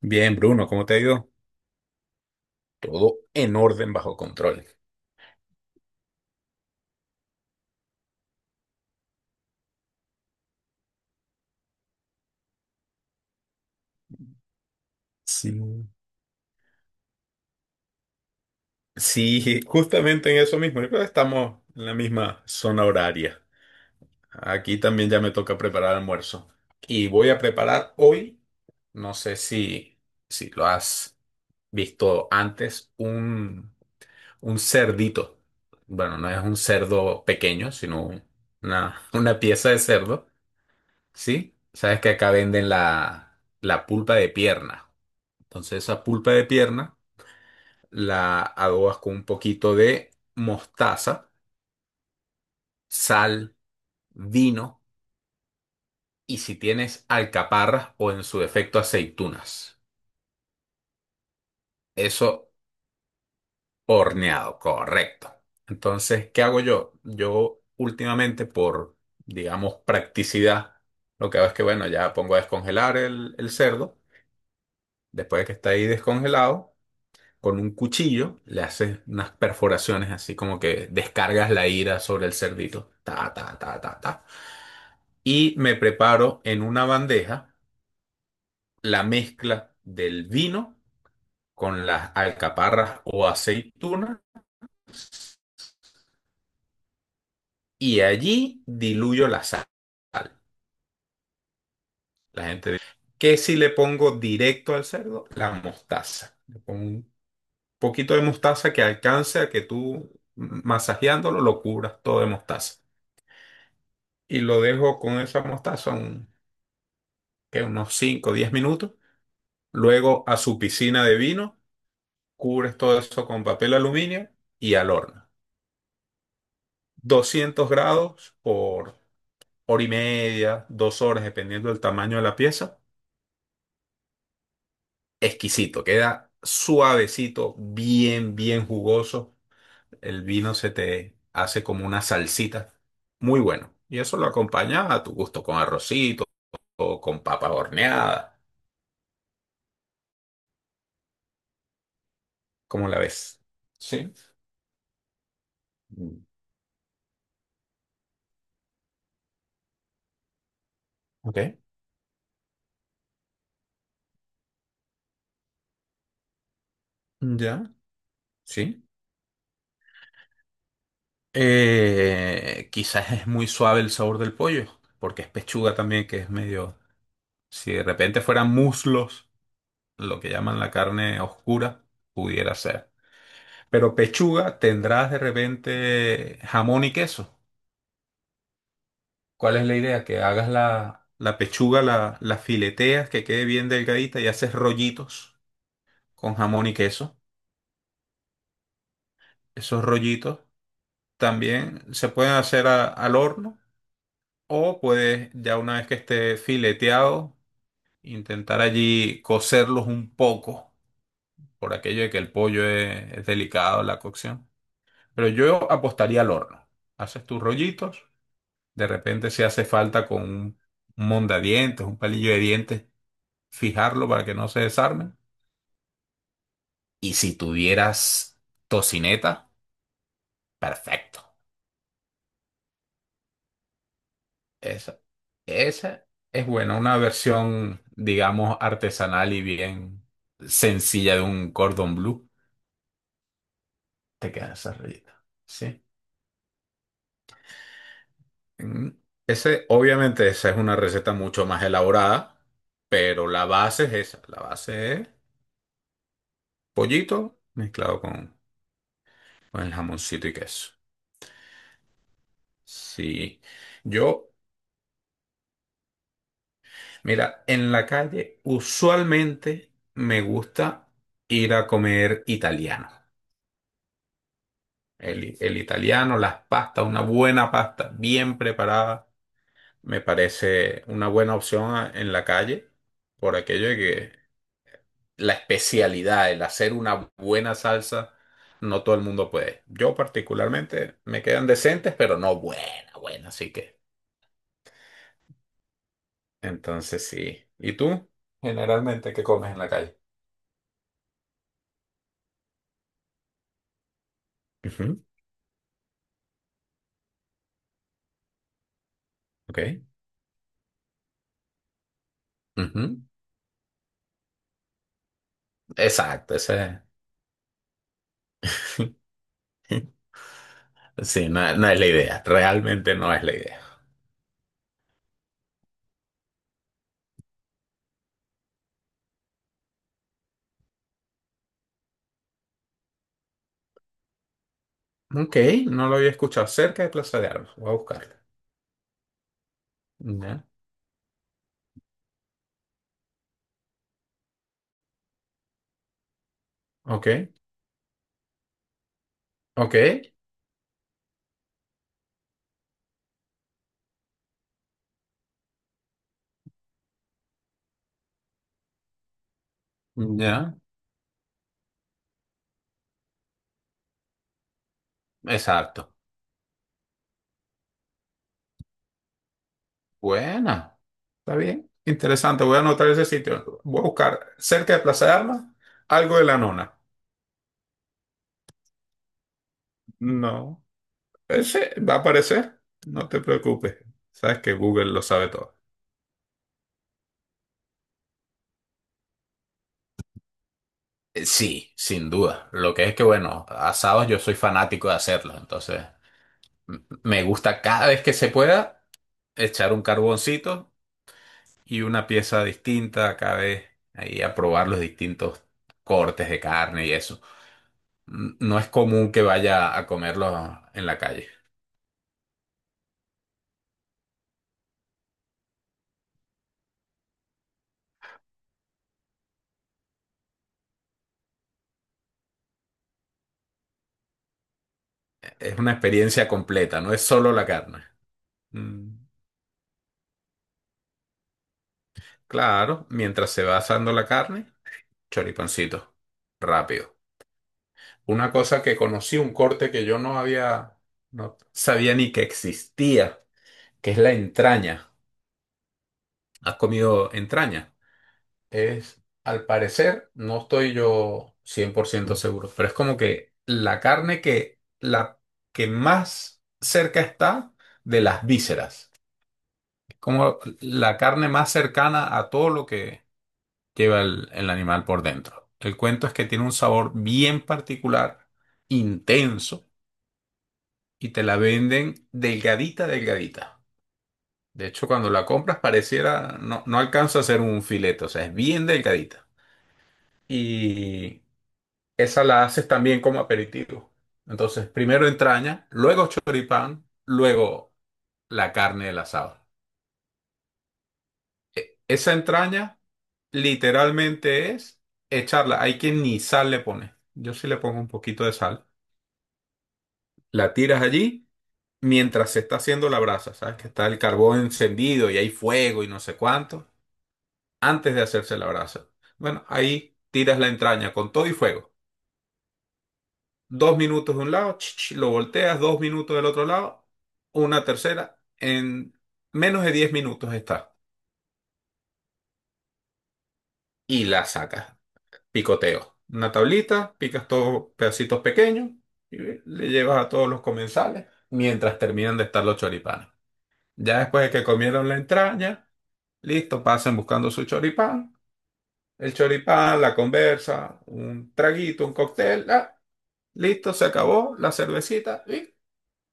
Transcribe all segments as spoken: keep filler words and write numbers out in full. Bien, Bruno, ¿cómo te ha ido? Todo en orden, bajo control. Sí. Sí, justamente en eso mismo. Yo creo que estamos en la misma zona horaria. Aquí también ya me toca preparar almuerzo. Y voy a preparar hoy, no sé si, si lo has visto antes, un, un cerdito. Bueno, no es un cerdo pequeño, sino un- una, una pieza de cerdo, ¿sí? Sabes que acá venden la, la pulpa de pierna. Entonces esa pulpa de pierna la adobas con un poquito de mostaza, sal, vino y si tienes alcaparras o en su defecto aceitunas. Eso horneado, correcto. Entonces, ¿qué hago yo? Yo últimamente por, digamos, practicidad, lo que hago es que, bueno, ya pongo a descongelar el, el cerdo, después de que está ahí descongelado. Con un cuchillo le haces unas perforaciones así como que descargas la ira sobre el cerdito. Ta, ta, ta, ta, ta. Y me preparo en una bandeja la mezcla del vino con las alcaparras o aceitunas y allí diluyo la sal. La gente dice, ¿qué si le pongo directo al cerdo? La mostaza. Le pongo un poquito de mostaza que alcance a que tú masajeándolo lo cubras todo de mostaza. Y lo dejo con esa mostazón, que unos cinco o diez minutos. Luego a su piscina de vino, cubres todo eso con papel aluminio y al horno. Doscientos grados por hora y media, dos horas, dependiendo del tamaño de la pieza. Exquisito, queda suavecito, bien, bien jugoso. El vino se te hace como una salsita. Muy bueno. Y eso lo acompaña a tu gusto con arrocito o con papas horneadas. ¿Cómo la ves? Sí. Ok. Ya, sí. Eh, quizás es muy suave el sabor del pollo, porque es pechuga también, que es medio. Si de repente fueran muslos, lo que llaman la carne oscura, pudiera ser. Pero pechuga tendrás de repente jamón y queso. ¿Cuál es la idea? Que hagas la, la pechuga, la, la fileteas, que quede bien delgadita y haces rollitos con jamón y queso. Esos rollitos también se pueden hacer a- al horno. O puedes, ya una vez que esté fileteado, intentar allí cocerlos un poco, por aquello de que el pollo es, es delicado la cocción. Pero yo apostaría al horno. Haces tus rollitos, de repente si hace falta con un un mondadientes, un palillo de dientes, fijarlo para que no se desarmen. Y si tuvieras tocineta, perfecto. Esa, esa es buena, una versión, digamos, artesanal y bien sencilla de un cordón blue. Te queda esa rellena. Sí. Mm. Ese, obviamente, esa es una receta mucho más elaborada, pero la base es esa. La base es pollito mezclado con, con el jamoncito y queso. Sí. Yo, mira, en la calle usualmente me gusta ir a comer italiano. El, el italiano, las pastas, una buena pasta bien preparada, me parece una buena opción a- en la calle por aquello de que la especialidad, el hacer una buena salsa, no todo el mundo puede. Yo particularmente me quedan decentes, pero no buena, buena, así que. Entonces sí. ¿Y tú? Generalmente, ¿qué comes en la calle? Ujú. Ok. Ujú. Exacto, esa es. Sí, no, no es la idea, realmente no es la idea. Ok, no lo había escuchado. Cerca de Plaza de Armas. Voy a buscarla. Ya. Ok, ok. Ya. Exacto. Buena. Está bien. Interesante. Voy a anotar ese sitio. Voy a buscar cerca de Plaza de Armas algo de la nona. No. Ese va a aparecer. No te preocupes. Sabes que Google lo sabe todo. Eh, Sí, sin duda. Lo que es que, bueno, asados yo soy fanático de hacerlos. Entonces, m- me gusta cada vez que se pueda echar un carboncito y una pieza distinta cada vez, ahí a probar los distintos cortes de carne y eso. N- No es común que vaya a comerlos en la calle. Es una experiencia completa, no es solo la carne. Mm, claro, mientras se va asando la carne, choripancito, rápido. Una cosa que conocí, un corte que yo no había, no sabía ni que existía, que es la entraña. ¿Has comido entraña? Es, al parecer, no estoy yo cien por ciento seguro, pero es como que la carne que, la que más cerca está de las vísceras, como la carne más cercana a todo lo que lleva el, el animal por dentro. El cuento es que tiene un sabor bien particular, intenso, y te la venden delgadita, delgadita. De hecho, cuando la compras pareciera, no, no alcanza a ser un filete, o sea, es bien delgadita. Y esa la haces también como aperitivo. Entonces, primero entraña, luego choripán, luego la carne del asado. E- Esa entraña literalmente es echarla. Hay quien ni sal le pone. Yo sí le pongo un poquito de sal. La tiras allí mientras se está haciendo la brasa, ¿sabes? Que está el carbón encendido y hay fuego y no sé cuánto, antes de hacerse la brasa. Bueno, ahí tiras la entraña con todo y fuego. Dos minutos de un lado, ch, ch, lo volteas, dos minutos del otro lado, una tercera, en menos de diez minutos está. Y la sacas. Picoteo. Una tablita, picas todos pedacitos pequeños y le llevas a todos los comensales mientras terminan de estar los choripanes. Ya después de que comieron la entraña, listo, pasen buscando su choripán. El choripán, la conversa, un traguito, un cóctel, ah, listo, se acabó la cervecita. Y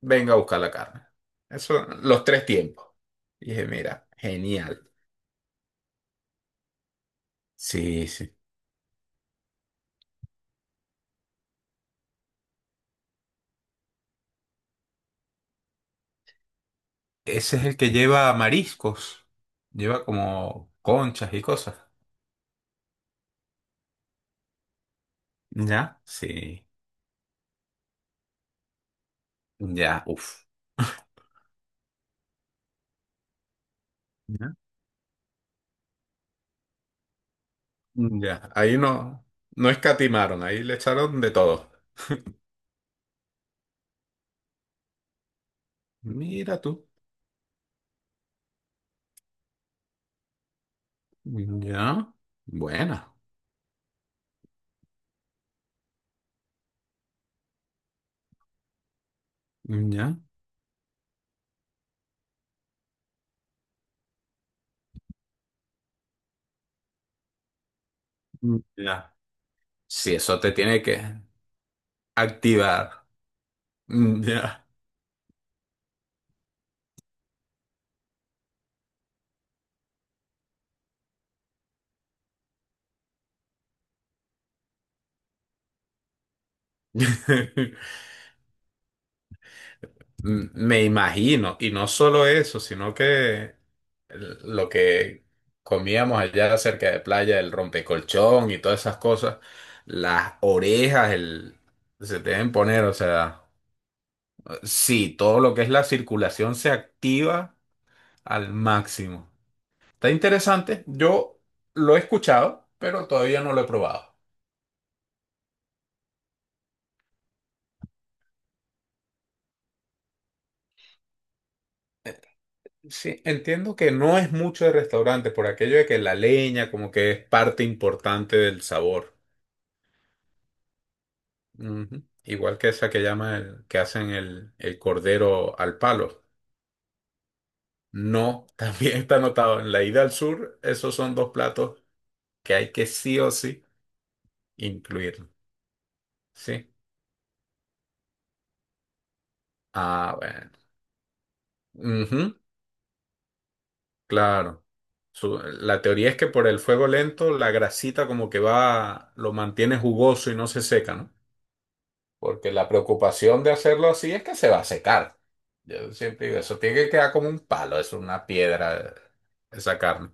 venga a buscar la carne. Eso, los tres tiempos. Y dije, mira, genial. Sí, sí. Ese es el que lleva mariscos. Lleva como conchas y cosas. ¿Ya? Sí. Ya, uff. ¿Ya? Ya. Ahí no, no escatimaron, ahí le echaron de todo. Mira tú. Ya. Buena. Ya. Ya. Sí, eso te tiene que activar. Ya. M- Me imagino, y no solo eso, sino que l- lo que comíamos allá cerca de playa, el rompecolchón y todas esas cosas, las orejas el, se deben poner, o sea, sí, todo lo que es la circulación se activa al máximo. Está interesante, yo lo he escuchado, pero todavía no lo he probado. Sí, entiendo que no es mucho de restaurante por aquello de que la leña como que es parte importante del sabor. Ujú. Igual que esa que llama el, que hacen el, el cordero al palo. No, también está anotado en la ida al sur, esos son dos platos que hay que sí o sí incluir. ¿Sí? Ah, bueno. Ujú, claro. Su- la teoría es que por el fuego lento la grasita como que va, lo mantiene jugoso y no se seca, ¿no? Porque la preocupación de hacerlo así es que se va a secar. Yo siempre digo, eso tiene que quedar como un palo, es una piedra esa carne.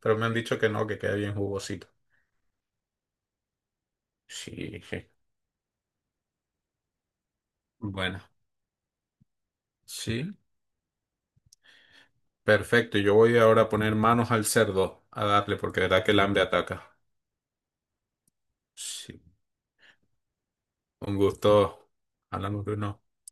Pero me han dicho que no, que queda bien jugosito. Sí, je. Bueno, sí, perfecto. Yo voy ahora a poner manos al cerdo a darle, porque de verdad que el hambre ataca. Sí, un gusto. Hablamos de uno.